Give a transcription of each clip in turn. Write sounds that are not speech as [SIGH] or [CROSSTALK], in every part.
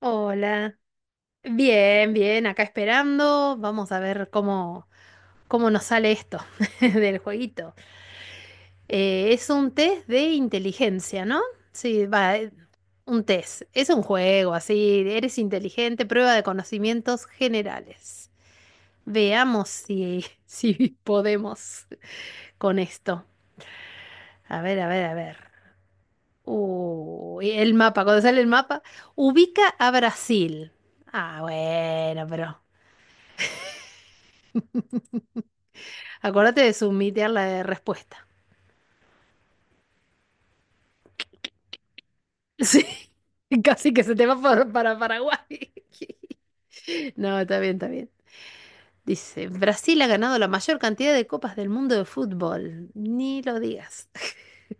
Hola. Bien, bien, acá esperando. Vamos a ver cómo, nos sale esto [LAUGHS] del jueguito. Es un test de inteligencia, ¿no? Sí, va, un test. Es un juego, así, eres inteligente, prueba de conocimientos generales. Veamos [LAUGHS] si podemos con esto. A ver, a ver, a ver. Uy, el mapa, cuando sale el mapa, ubica a Brasil. Ah, bueno, pero... Acuérdate de submitear la respuesta. [LAUGHS] Sí, casi que se te va para Paraguay. [LAUGHS] No, está bien, está bien. Dice, Brasil ha ganado la mayor cantidad de copas del mundo de fútbol. Ni lo digas. [LAUGHS]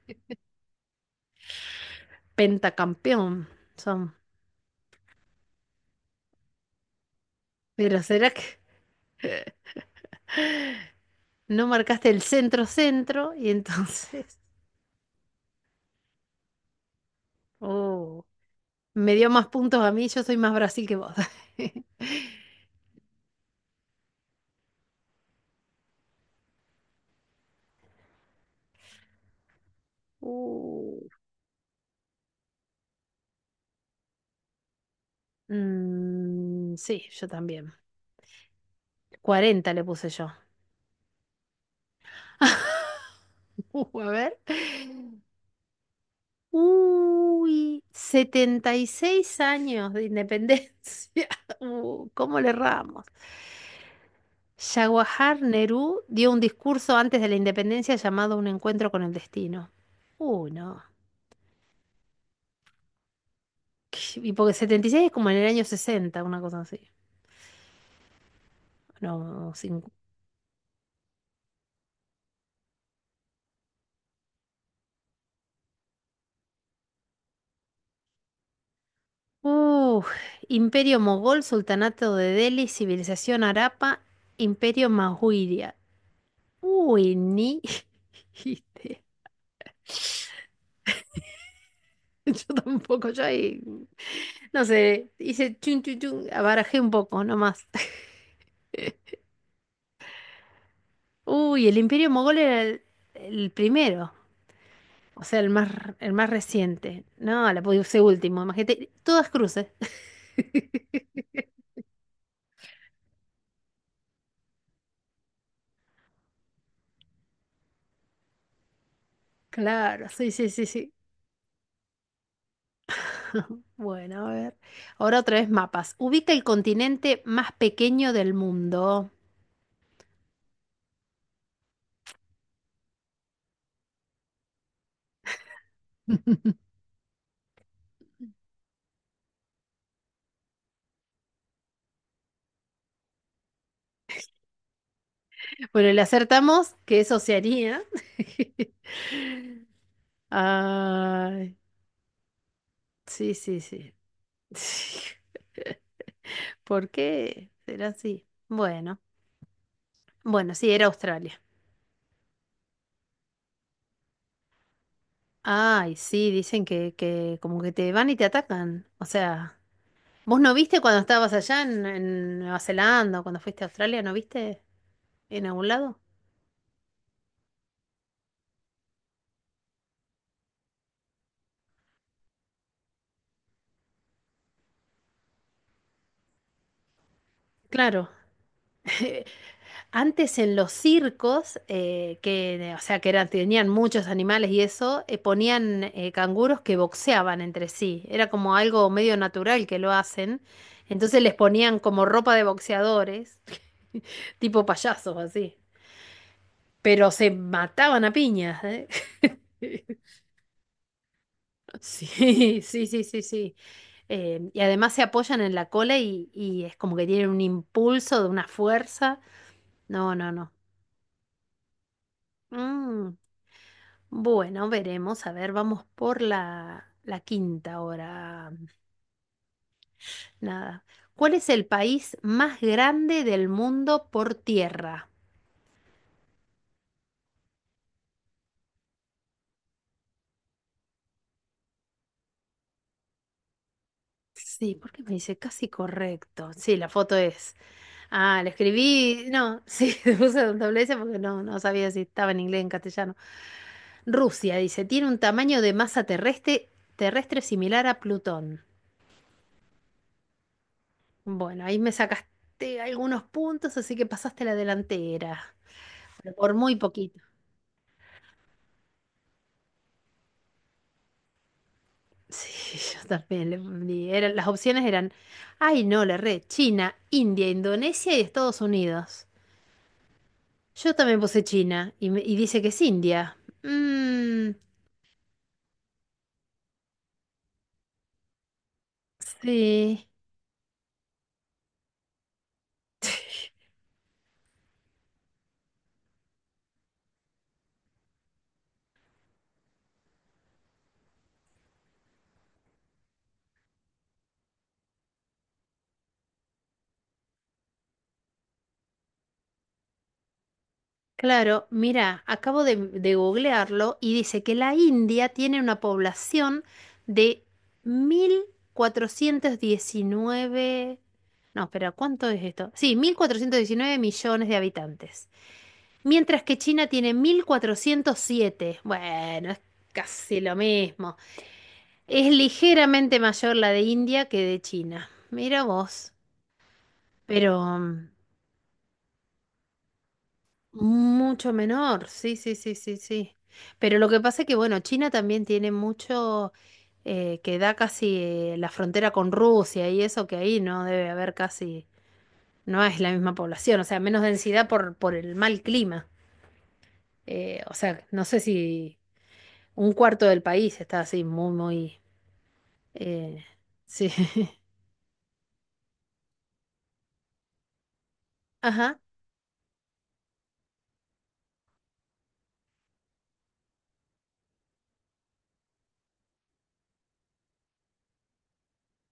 Pentacampeón son. Pero ¿será que no marcaste el centro-centro? Y entonces, [LAUGHS] oh, me dio más puntos a mí, yo soy más Brasil que vos. [LAUGHS] Uh, sí, yo también. 40 le puse yo. [LAUGHS] A ver. Uy, 76 años de independencia. [LAUGHS] ¿Cómo le erramos? Jawaharlal Nehru dio un discurso antes de la independencia llamado Un encuentro con el destino. Uy, no. Y porque 76 es como en el año 60, una cosa así. No, cinco. Uh, Imperio Mogol, Sultanato de Delhi, Civilización Arapa, Imperio Mahuria. Uy, ni. [LAUGHS] [LAUGHS] Yo tampoco, yo ahí, no sé, hice chun chun chun, barajé un poco nomás. [LAUGHS] Uy, el Imperio Mogol era el primero, o sea, el más reciente. No, la puse último, imagínate, todas cruces. [LAUGHS] Claro, sí, sí, sí, sí. [LAUGHS] Bueno, a ver. Ahora otra vez mapas. Ubica el continente más pequeño del mundo. [LAUGHS] Bueno, le acertamos que es Oceanía. [LAUGHS] Ay, sí, sí, sí. [LAUGHS] ¿Por qué será así? Bueno, bueno, sí, era Australia. Ay, sí, dicen que como que te van y te atacan. O sea, ¿vos no viste cuando estabas allá en Nueva Zelanda o cuando fuiste a Australia? ¿No viste en algún lado? Claro. [LAUGHS] Antes en los circos, que, o sea, que eran, tenían muchos animales y eso, ponían canguros que boxeaban entre sí. Era como algo medio natural que lo hacen. Entonces les ponían como ropa de boxeadores, tipo payasos así. Pero se mataban a piñas, ¿eh? [LAUGHS] Sí, sí, sí, sí, sí. Y además se apoyan en la cola y es como que tienen un impulso de una fuerza. No, no, no. Mm, Bueno, veremos. A ver, vamos por la quinta ahora. Nada. ¿Cuál es el país más grande del mundo por tierra? Sí, porque me dice casi correcto. Sí, la foto es. Ah, la escribí. No, sí, [LAUGHS] le puse un doble S porque no sabía si estaba en inglés o en castellano. Rusia, dice, tiene un tamaño de masa terrestre similar a Plutón. Bueno, ahí me sacaste algunos puntos, así que pasaste la delantera. Pero por muy poquito. Sí, [LAUGHS] yo también. Las opciones eran, ay no, la red, China, India, Indonesia y Estados Unidos. Yo también puse China y dice que es India. Mm, sí, claro, mira, acabo de googlearlo y dice que la India tiene una población de 1419. No, espera, ¿cuánto es esto? Sí, 1419 millones de habitantes. Mientras que China tiene 1407. Bueno, es casi lo mismo. Es ligeramente mayor la de India que de China. Mira vos. Pero mucho menor. Sí, sí, sí, sí, sí. Pero lo que pasa es que, bueno, China también tiene mucho que da casi la frontera con Rusia y eso que ahí no debe haber casi, no es la misma población, o sea, menos densidad por el mal clima. O sea, no sé si un cuarto del país está así, muy, muy... eh, sí. [LAUGHS] Ajá,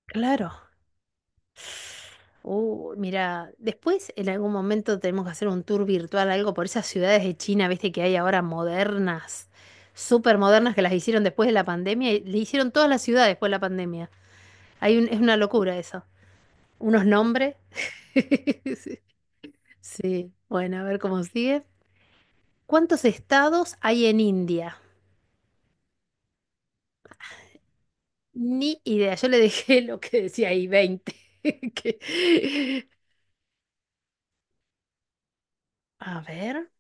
claro. Mira, después en algún momento tenemos que hacer un tour virtual, algo por esas ciudades de China, viste, que hay ahora modernas, súper modernas, que las hicieron después de la pandemia, y le hicieron todas las ciudades después de la pandemia. Es una locura eso. Unos nombres. [LAUGHS] Sí, bueno, a ver cómo sigue. ¿Cuántos estados hay en India? Ni idea. Yo le dejé lo que decía ahí, 20 [LAUGHS] que- a ver.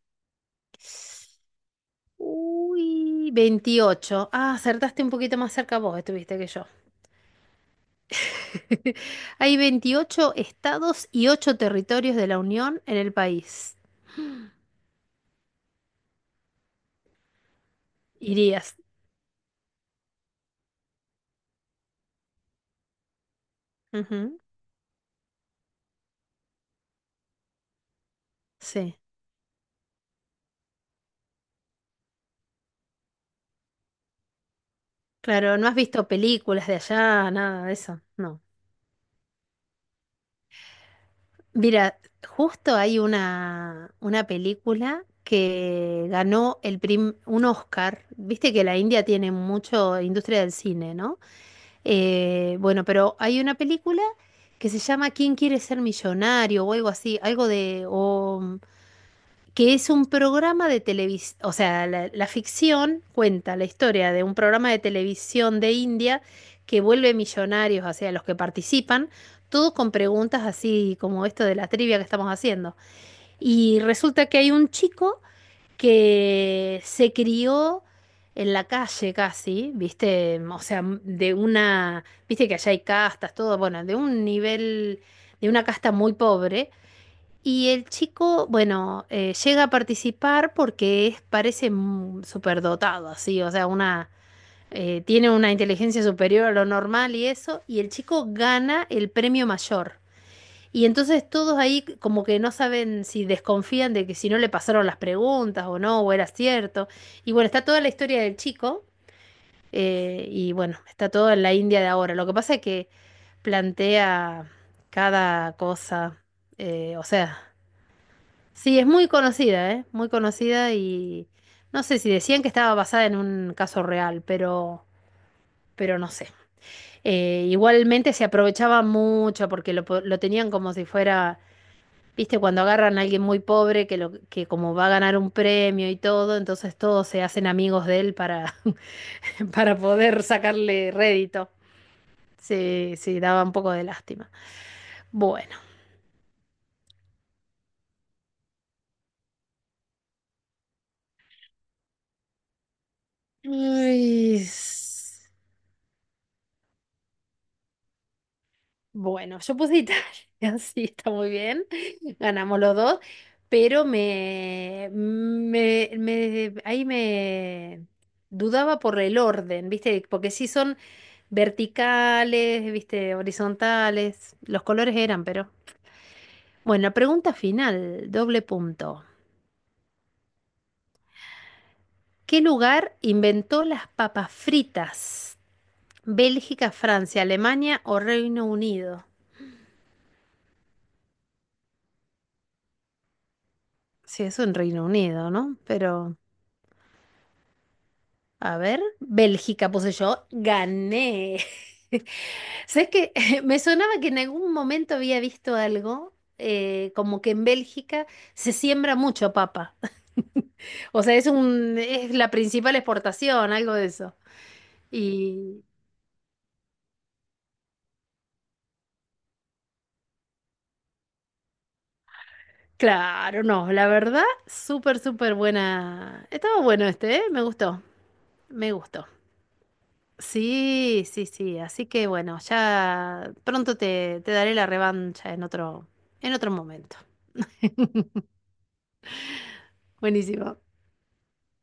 Uy, 28. Ah, acertaste un poquito más cerca vos, estuviste que yo. [LAUGHS] Hay 28 estados y 8 territorios de la Unión en el país. Irías. Ujú, sí. Claro, no has visto películas de allá, nada de eso. No. Mira, justo hay una película que ganó un Oscar. Viste que la India tiene mucho industria del cine, ¿no? Bueno, pero hay una película que se llama ¿Quién quiere ser millonario? O algo así, algo de, o que es un programa de televisión, o sea, la ficción cuenta la historia de un programa de televisión de India que vuelve millonarios hacia los que participan, todo con preguntas así como esto de la trivia que estamos haciendo. Y resulta que hay un chico que se crió en la calle casi, viste, o sea, de una, viste que allá hay castas, todo, bueno, de un nivel, de una casta muy pobre, y el chico, bueno, llega a participar porque es, parece superdotado, así, o sea, una, tiene una inteligencia superior a lo normal y eso, y el chico gana el premio mayor. Y entonces todos ahí como que no saben si desconfían de que si no le pasaron las preguntas o no, o era cierto. Y bueno, está toda la historia del chico, y bueno, está todo en la India de ahora. Lo que pasa es que plantea cada cosa, o sea... Sí, es muy conocida, ¿eh? Muy conocida y no sé si decían que estaba basada en un caso real, pero no sé. Igualmente se aprovechaba mucho porque lo tenían como si fuera, viste, cuando agarran a alguien muy pobre que, lo, que como va a ganar un premio y todo, entonces todos se hacen amigos de él para, [LAUGHS] para poder sacarle rédito. Sí, sí, daba un poco de lástima. Bueno. Uy, bueno, yo puse Italia, [LAUGHS] sí, está muy bien, ganamos los dos, pero ahí me dudaba por el orden, ¿viste? Porque sí son verticales, ¿viste? Horizontales, los colores eran, pero... Bueno, pregunta final, doble punto. ¿Qué lugar inventó las papas fritas? ¿Bélgica, Francia, Alemania o Reino Unido? Sí, eso en Reino Unido, ¿no? Pero... A ver, Bélgica puse yo, gané. [LAUGHS] ¿Sabes que [LAUGHS] me sonaba que en algún momento había visto algo, como que en Bélgica se siembra mucho papa. [LAUGHS] O sea, es la principal exportación, algo de eso. Y claro, no, la verdad, súper, súper buena. Estaba bueno este, ¿eh? Me gustó, me gustó. Sí, sí, sí. Así que bueno, ya pronto te daré la revancha en otro, momento. Buenísimo.